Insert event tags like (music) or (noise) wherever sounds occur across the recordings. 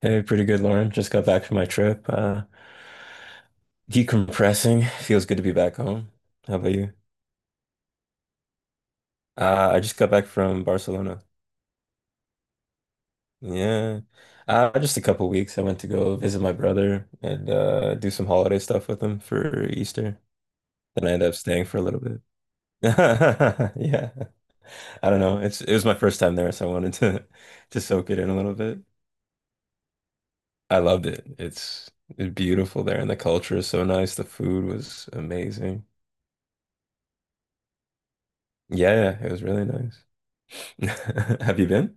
Hey, pretty good, Lauren. Just got back from my trip. Decompressing. Feels good to be back home. How about you? I just got back from Barcelona. Yeah. Just a couple weeks. I went to go visit my brother and do some holiday stuff with him for Easter. Then I ended up staying for a little bit. (laughs) Yeah. I don't know. It was my first time there, so I wanted to (laughs) to soak it in a little bit. I loved it. It's beautiful there, and the culture is so nice. The food was amazing. Yeah, it was really nice. (laughs) Have you been?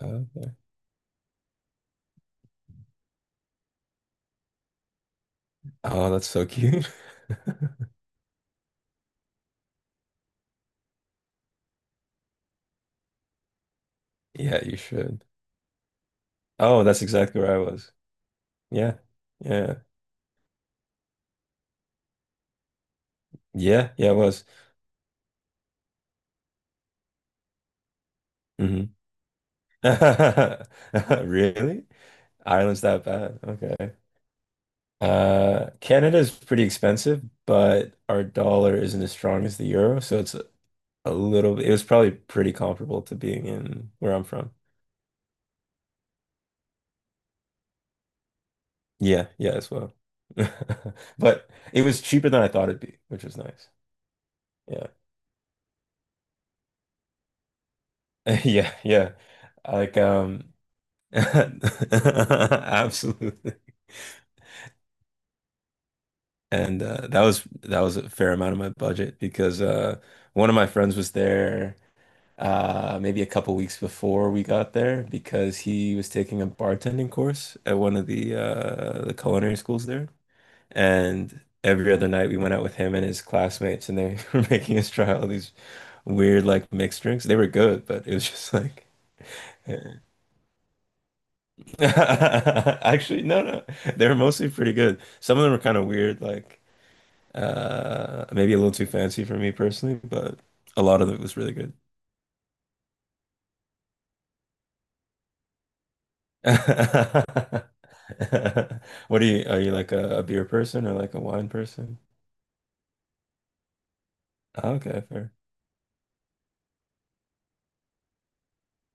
Oh, okay. Oh, that's so cute. (laughs) Yeah, you should. Oh, that's exactly where I was. Yeah. Yeah. Yeah. Yeah, I was. Hmm. (laughs) Really? Ireland's that bad. Okay. Canada is pretty expensive, but our dollar isn't as strong as the euro, so it's a little it was probably pretty comparable to being in where I'm from. Yeah, yeah, as well. (laughs) But it was cheaper than I thought it'd be, which was nice. Yeah. (laughs) Yeah, yeah. Like (laughs) absolutely. And that was a fair amount of my budget because one of my friends was there maybe a couple weeks before we got there because he was taking a bartending course at one of the the culinary schools there. And every other night we went out with him and his classmates and they (laughs) were making us try all these weird like mixed drinks. They were good, but it was just like (laughs) (laughs) actually, no. They were mostly pretty good. Some of them were kind of weird, like maybe a little too fancy for me personally, but a lot of it was really good. (laughs) What are you like a beer person or like a wine person? Oh, okay, fair.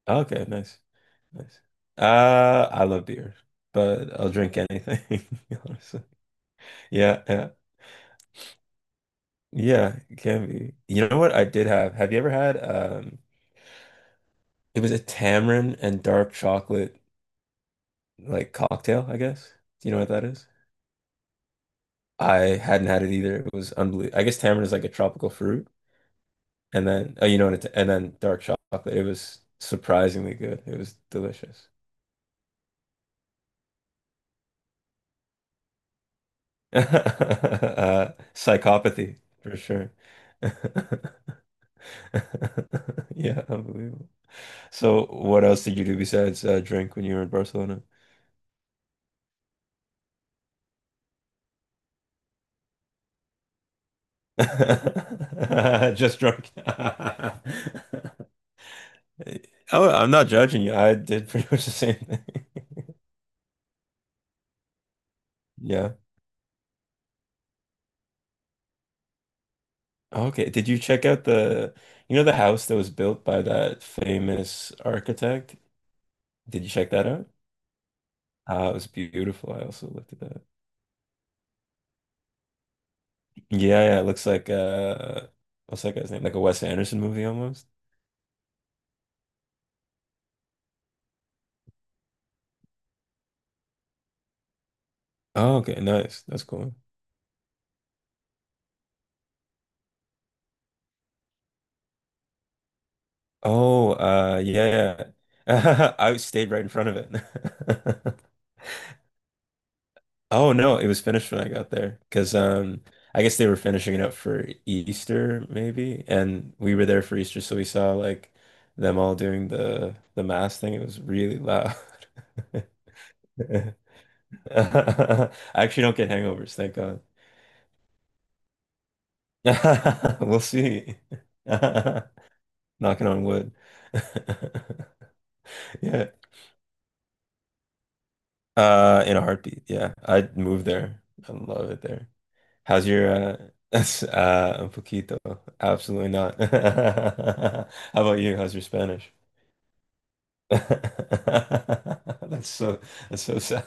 Oh, okay, nice. Nice. I love beer, but I'll drink anything, (laughs) honestly. Yeah, yeah. Yeah, it can be. You know what I did have? Have you ever had it was a tamarind and dark chocolate like cocktail, I guess. Do you know what that is? I hadn't had it either. It was unbelievable. I guess tamarind is like a tropical fruit, and then oh, you know what? And then dark chocolate. It was surprisingly good. It was delicious. (laughs) Psychopathy for sure. (laughs) Yeah, unbelievable. So, what else did you do besides drink when you were in Barcelona? (laughs) Just drunk. (laughs) Oh, I'm not judging you. I did pretty much the same thing. (laughs) Yeah. Okay, did you check out you know, the house that was built by that famous architect? Did you check that out? Ah, it was beautiful. I also looked at that. Yeah, yeah, it looks like what's that guy's name? Like a Wes Anderson movie almost. Oh, okay, nice. That's cool. Oh, yeah, yeah. (laughs) I stayed right in front of it. (laughs) Oh no, it was finished when I got there because I guess they were finishing it up for Easter maybe, and we were there for Easter, so we saw like them all doing the mass thing. It was really loud. (laughs) I actually don't get hangovers, thank God. (laughs) We'll see. (laughs) Knocking on wood. (laughs) Yeah. In a heartbeat. Yeah, I'd move there. I love it there. How's your (laughs) un poquito? Absolutely not. (laughs) How about you? How's your Spanish? (laughs) That's so that's so sad.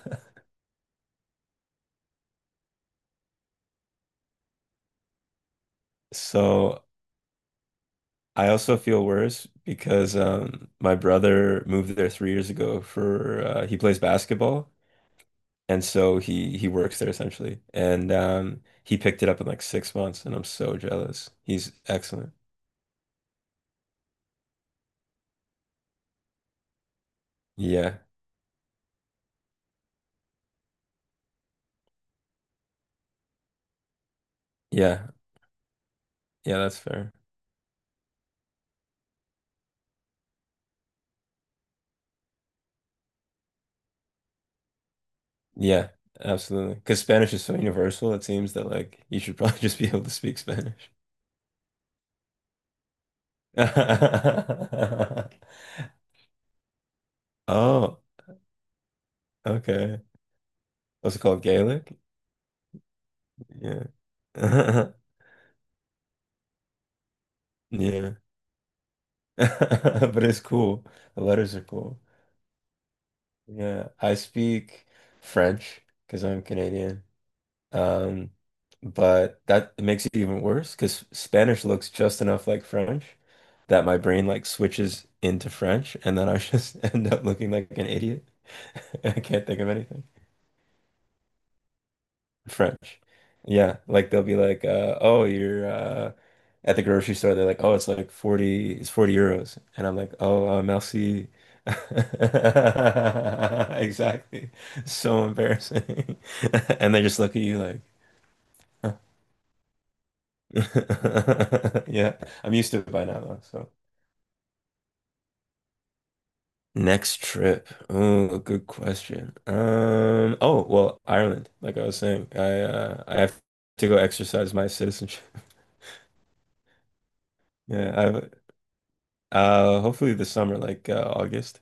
So I also feel worse because my brother moved there 3 years ago for he plays basketball and so he works there essentially and he picked it up in like 6 months and I'm so jealous. He's excellent. Yeah. Yeah. Yeah, that's fair. Yeah, absolutely. Because Spanish is so universal, it seems that like you should probably (laughs) just be able to speak Spanish. (laughs) Oh, okay. What's it called? Gaelic? Yeah. (laughs) Yeah. (laughs) But it's cool. The letters are cool. Yeah. I speak French because I'm Canadian. Um, but that it makes it even worse because Spanish looks just enough like French that my brain like switches into French and then I just (laughs) end up looking like an idiot. (laughs) I can't think of anything. French. Yeah, like they'll be like, oh, you're at the grocery store. They're like, oh, it's like 40, it's €40. And I'm like, oh, merci. (laughs) Exactly. So embarrassing. (laughs) And they just look at you like, (laughs) (laughs) yeah, I'm used to it by now though, so. Next trip. Oh, good question. Oh, well, Ireland, like I was saying, I have to go exercise my citizenship. (laughs) Yeah, I hopefully this summer, like August.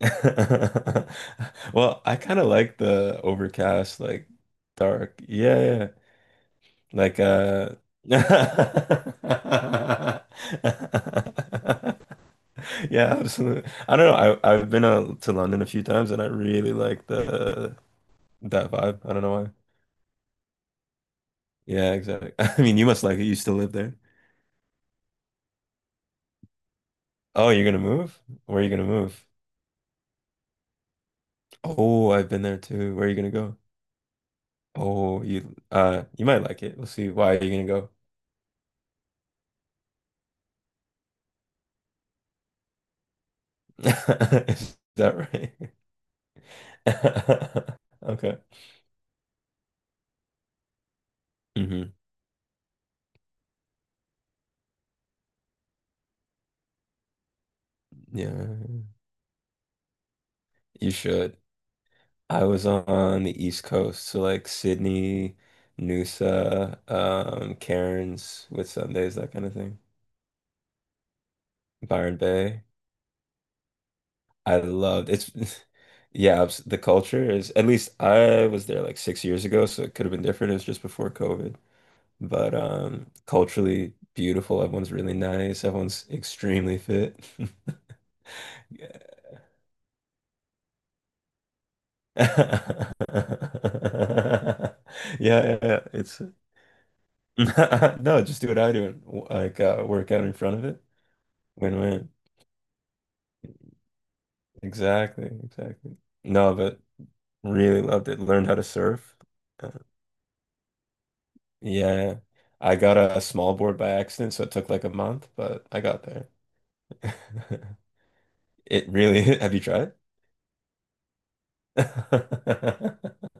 (laughs) Well, I kind of like the overcast, like dark. Yeah, yeah. Yeah. Like (laughs) (laughs) yeah, absolutely. I don't know. I've been to London a few times and I really like the that vibe. I don't know why. Yeah, exactly. (laughs) I mean, you must like it. You still live there. Oh, you're gonna move? Where are you gonna move? Oh, I've been there too. Where are you gonna go? Oh, you you might like it. We'll see. Why are you gonna go? (laughs) Is that right? (laughs) Okay. Hmm. Yeah, you should. I was on the East Coast, so like Sydney, Noosa, Cairns, with Sundays, that kind of thing. Byron Bay. I loved it's (laughs) yeah, abs- the culture is at least I was there like 6 years ago, so it could have been different. It was just before COVID. But culturally beautiful, everyone's really nice, everyone's extremely fit. (laughs) Yeah, (laughs) yeah, yeah. Yeah. It's (laughs) no, just do what I do and like work out in front of it. Win-win. Exactly, exactly. No, but really loved it. Learned how to surf. Uh, yeah, I got a small board by accident, so it took like a month, but I got there. (laughs) It really, (laughs) have you tried? (laughs)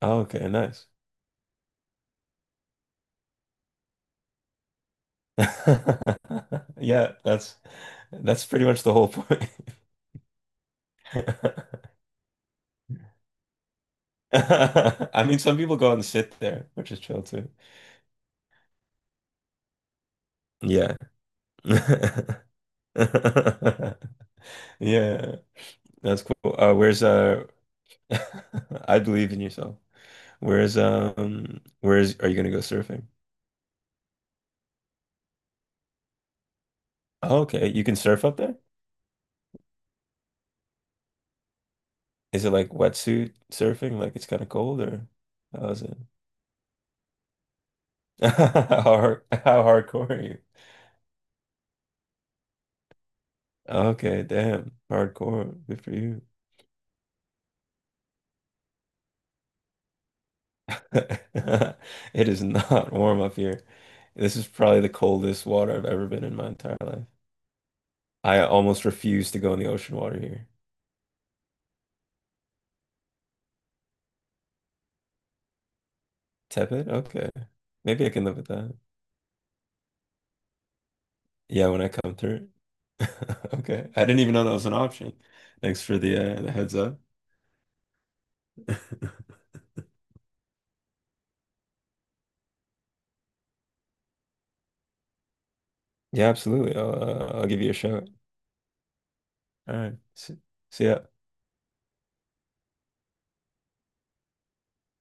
Oh, okay, nice. (laughs) Yeah, that's pretty much the whole point. (laughs) (laughs) I mean, some people go out and sit there, which is chill too. Yeah. (laughs) Yeah, that's cool. Where's (laughs) I believe in yourself. Where's are you gonna go surfing? Oh, okay, you can surf up there? Is it like wetsuit surfing? Like it's kind of cold, or how is it? (laughs) How hard, how hardcore are you? Okay, damn, hardcore. Good for you. (laughs) It is not warm up here. This is probably the coldest water I've ever been in my entire life. I almost refuse to go in the ocean water here. Tepid? Okay. Maybe I can live with that. Yeah, when I come through. (laughs) Okay. I didn't even know that was an option. Thanks for the heads up. (laughs) Yeah, absolutely. I'll give you a shout. All right. See, see ya.